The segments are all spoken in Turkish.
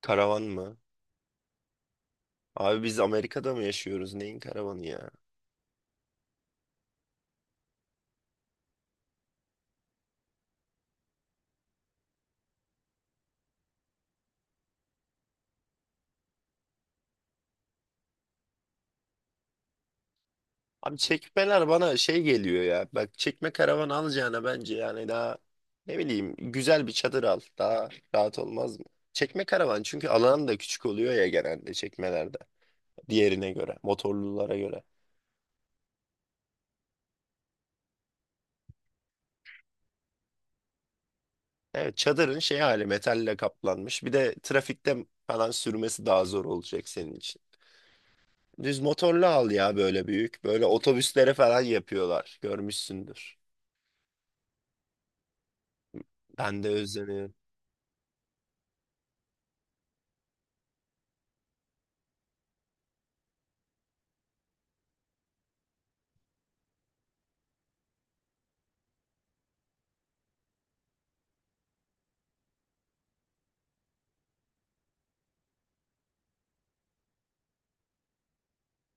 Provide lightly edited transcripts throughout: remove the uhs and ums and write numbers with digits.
Karavan mı? Abi biz Amerika'da mı yaşıyoruz? Neyin karavanı ya? Abi çekmeler bana şey geliyor ya. Bak çekme karavan alacağına bence yani daha ne bileyim güzel bir çadır al. Daha rahat olmaz mı? Çekme karavan çünkü alan da küçük oluyor ya genelde çekmelerde. Diğerine göre, motorlulara göre. Evet, çadırın şey hali metalle kaplanmış. Bir de trafikte falan sürmesi daha zor olacak senin için. Düz motorlu al ya, böyle büyük. Böyle otobüslere falan yapıyorlar. Görmüşsündür. Ben de özleniyorum.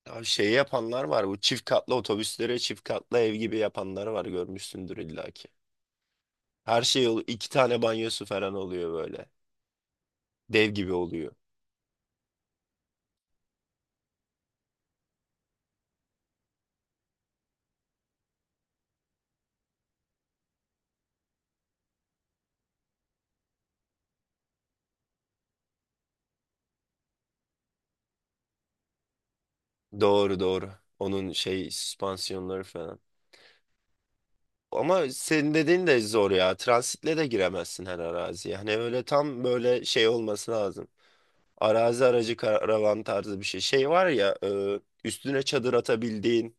Abi şey yapanlar var. Bu çift katlı otobüslere çift katlı ev gibi yapanlar var. Görmüşsündür illaki. Her şey ol, iki tane banyosu falan oluyor böyle. Dev gibi oluyor. Doğru, doğru. Onun şey süspansiyonları falan. Ama senin dediğin de zor ya. Transitle de giremezsin her araziye. Hani öyle tam böyle şey olması lazım. Arazi aracı karavan tarzı bir şey. Şey var ya, üstüne çadır atabildiğin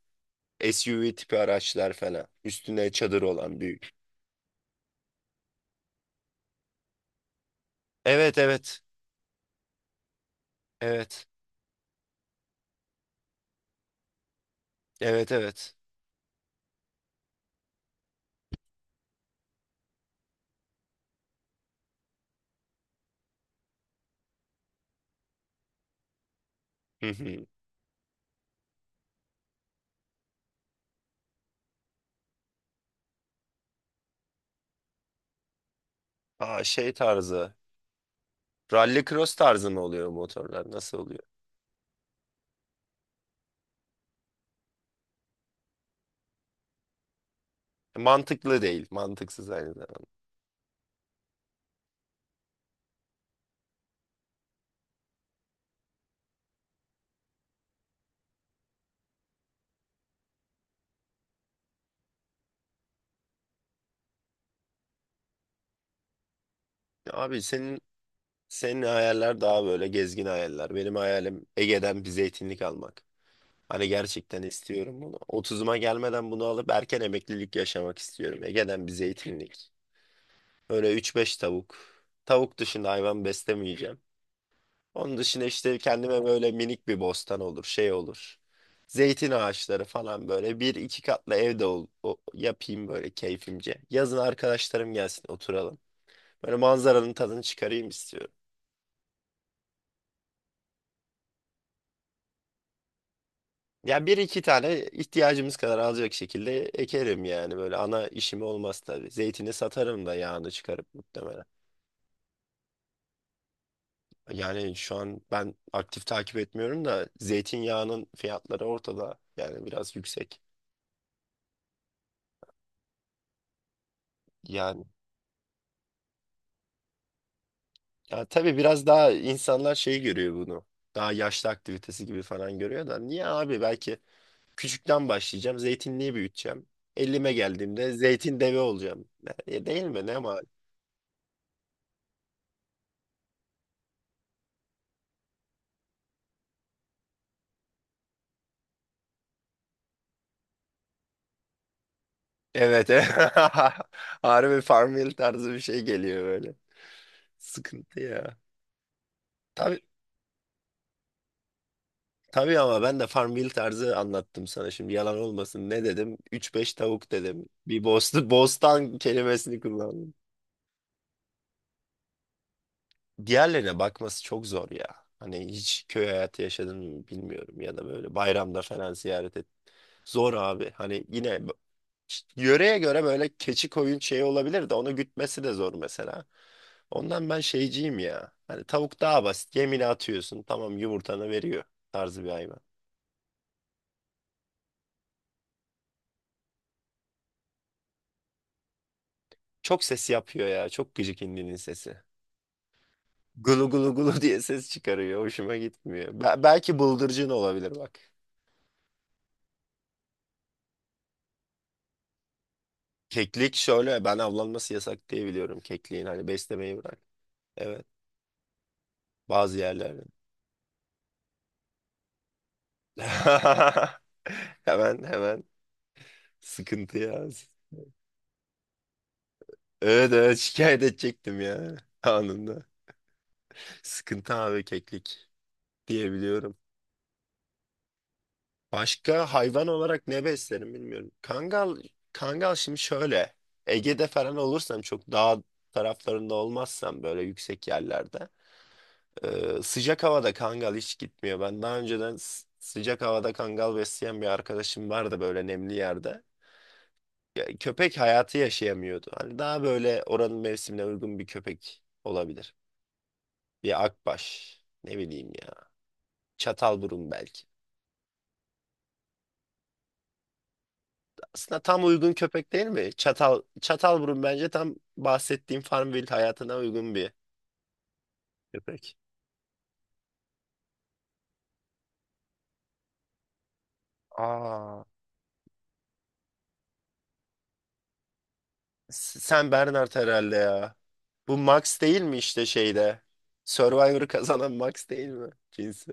SUV tipi araçlar falan. Üstüne çadır olan büyük. Evet, evet. Evet. Evet, evet. Hı hı. Aa, şey tarzı. Rally cross tarzı mı oluyor motorlar? Nasıl oluyor? Mantıklı değil. Mantıksız aynı zamanda. Abi senin hayaller daha böyle gezgin hayaller. Benim hayalim Ege'den bir zeytinlik almak. Hani gerçekten istiyorum bunu. Otuzuma gelmeden bunu alıp erken emeklilik yaşamak istiyorum. Ege'den bir zeytinlik. Böyle üç beş tavuk. Tavuk dışında hayvan beslemeyeceğim. Onun dışında işte kendime böyle minik bir bostan olur, şey olur. Zeytin ağaçları falan böyle bir iki katlı evde yapayım böyle keyfimce. Yazın arkadaşlarım gelsin, oturalım. Böyle manzaranın tadını çıkarayım istiyorum. Ya bir iki tane ihtiyacımız kadar alacak şekilde ekerim yani, böyle ana işim olmaz tabii. Zeytini satarım da yağını çıkarıp muhtemelen. Yani şu an ben aktif takip etmiyorum da zeytinyağının fiyatları ortada yani, biraz yüksek. Yani, ya tabii biraz daha insanlar şey görüyor bunu. Daha yaşlı aktivitesi gibi falan görüyor da, niye abi, belki küçükten başlayacağım, zeytinliği büyüteceğim. 50'me geldiğimde zeytin devi olacağım. E, değil mi? Ne mal? Evet. Evet. Harbi Farmville tarzı bir şey geliyor böyle. Sıkıntı ya. Tabii, tabii ama ben de Farmville tarzı anlattım sana, şimdi yalan olmasın. Ne dedim? Üç beş tavuk dedim. Bir bostan kelimesini kullandım. Diğerlerine bakması çok zor ya. Hani hiç köy hayatı yaşadın mı bilmiyorum, ya da böyle bayramda falan ziyaret et. Zor abi. Hani yine yöreye göre böyle keçi, koyun şey olabilir de onu gütmesi de zor mesela. Ondan ben şeyciyim ya. Hani tavuk daha basit. Yemini atıyorsun. Tamam, yumurtanı veriyor tarzı bir hayvan. Çok ses yapıyor ya. Çok gıcık indinin sesi. Gulu gulu gulu diye ses çıkarıyor. Hoşuma gitmiyor. Belki bıldırcın olabilir bak. Keklik şöyle, ben avlanması yasak diye biliyorum kekliğin, hani beslemeyi bırak. Evet, bazı yerlerde. Hemen hemen sıkıntı ya. Evet, evet şikayet edecektim ya, anında. Sıkıntı abi, keklik diye biliyorum. Başka hayvan olarak ne beslerim bilmiyorum. Kangal, şimdi şöyle, Ege'de falan olursam, çok dağ taraflarında olmazsam, böyle yüksek yerlerde, sıcak havada kangal hiç gitmiyor. Ben daha önceden sıcak havada kangal besleyen bir arkadaşım vardı, böyle nemli yerde. Ya, köpek hayatı yaşayamıyordu. Hani daha böyle oranın mevsimine uygun bir köpek olabilir. Bir akbaş, ne bileyim ya. Çatalburun belki. Aslında tam uygun köpek değil mi? Çatalburun bence tam bahsettiğim Farmville hayatına uygun bir köpek. Aa, Sen Bernard herhalde ya. Bu Max değil mi işte şeyde? Survivor'ı kazanan Max değil mi cinsi?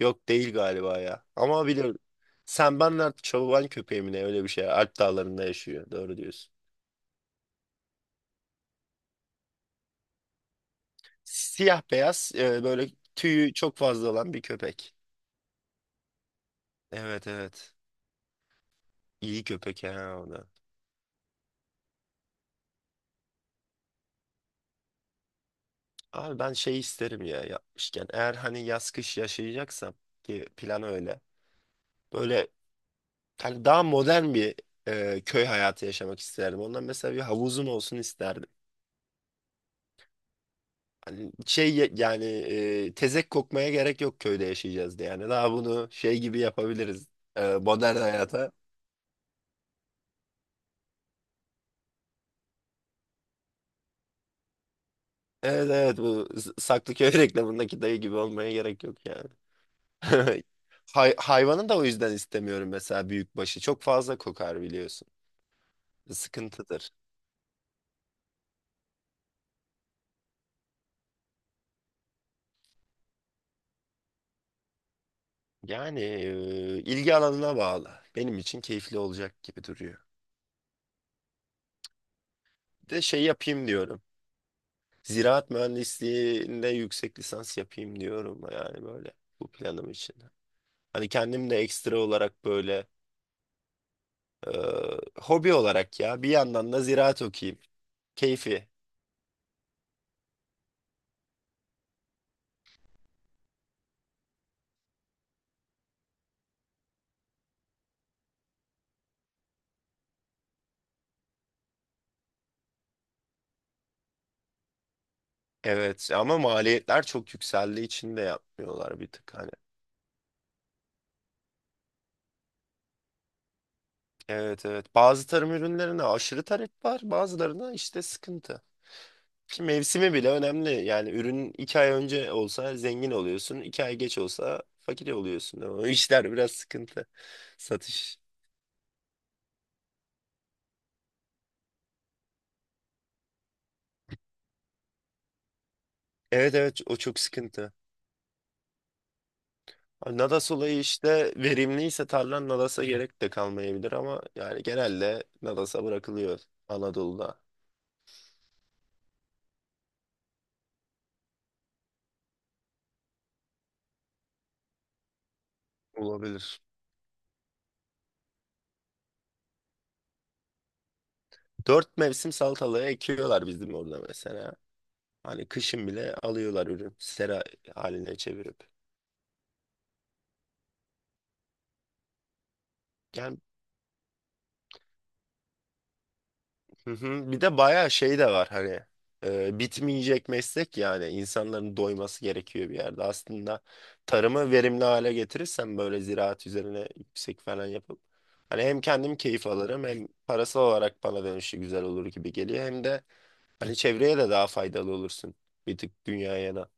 Yok, değil galiba ya. Ama biliyorum. Sen Bernard çoban köpeği mi ne, öyle bir şey. Alp dağlarında yaşıyor. Doğru diyorsun. Siyah beyaz, böyle tüyü çok fazla olan bir köpek. Evet, evet. İyi köpek ha, o da. Abi ben şey isterim ya, yapmışken. Eğer hani yaz kış yaşayacaksam, ki plan öyle, böyle hani daha modern bir köy hayatı yaşamak isterdim. Ondan mesela bir havuzum olsun isterdim. Hani şey yani, tezek kokmaya gerek yok köyde yaşayacağız diye. Yani daha bunu şey gibi yapabiliriz, modern hayata. Evet, evet bu Saklıköy reklamındaki dayı gibi olmaya gerek yok yani. Hayvanı da o yüzden istemiyorum mesela, büyükbaşı. Çok fazla kokar, biliyorsun. Sıkıntıdır. Yani ilgi alanına bağlı. Benim için keyifli olacak gibi duruyor. Bir de şey yapayım diyorum. Ziraat mühendisliğinde yüksek lisans yapayım diyorum, yani böyle bu planım için. Hani kendim de ekstra olarak böyle e, hobi olarak ya, bir yandan da ziraat okuyayım. Keyfi. Evet ama maliyetler çok yükseldiği için de yapmıyorlar bir tık hani. Evet, evet bazı tarım ürünlerine aşırı talep var, bazılarına işte sıkıntı. Ki mevsimi bile önemli yani, ürün 2 ay önce olsa zengin oluyorsun, 2 ay geç olsa fakir oluyorsun. O işler biraz sıkıntı, satış. Evet, evet o çok sıkıntı. Nada sulayı işte, verimliyse tarlan Nadas'a gerek de kalmayabilir ama yani genelde Nadas'a bırakılıyor Anadolu'da. Olabilir. Dört mevsim salatalığı ekiyorlar bizim orada mesela. Hani kışın bile alıyorlar ürün, sera haline çevirip. Yani. Hı hı. Bir de bayağı şey de var hani, bitmeyecek meslek yani, insanların doyması gerekiyor bir yerde. Aslında tarımı verimli hale getirirsen, böyle ziraat üzerine yüksek falan yapıp, hani hem kendim keyif alırım, hem parasal olarak bana dönüşü güzel olur gibi geliyor, hem de hani çevreye de daha faydalı olursun. Bir tık dünyaya da.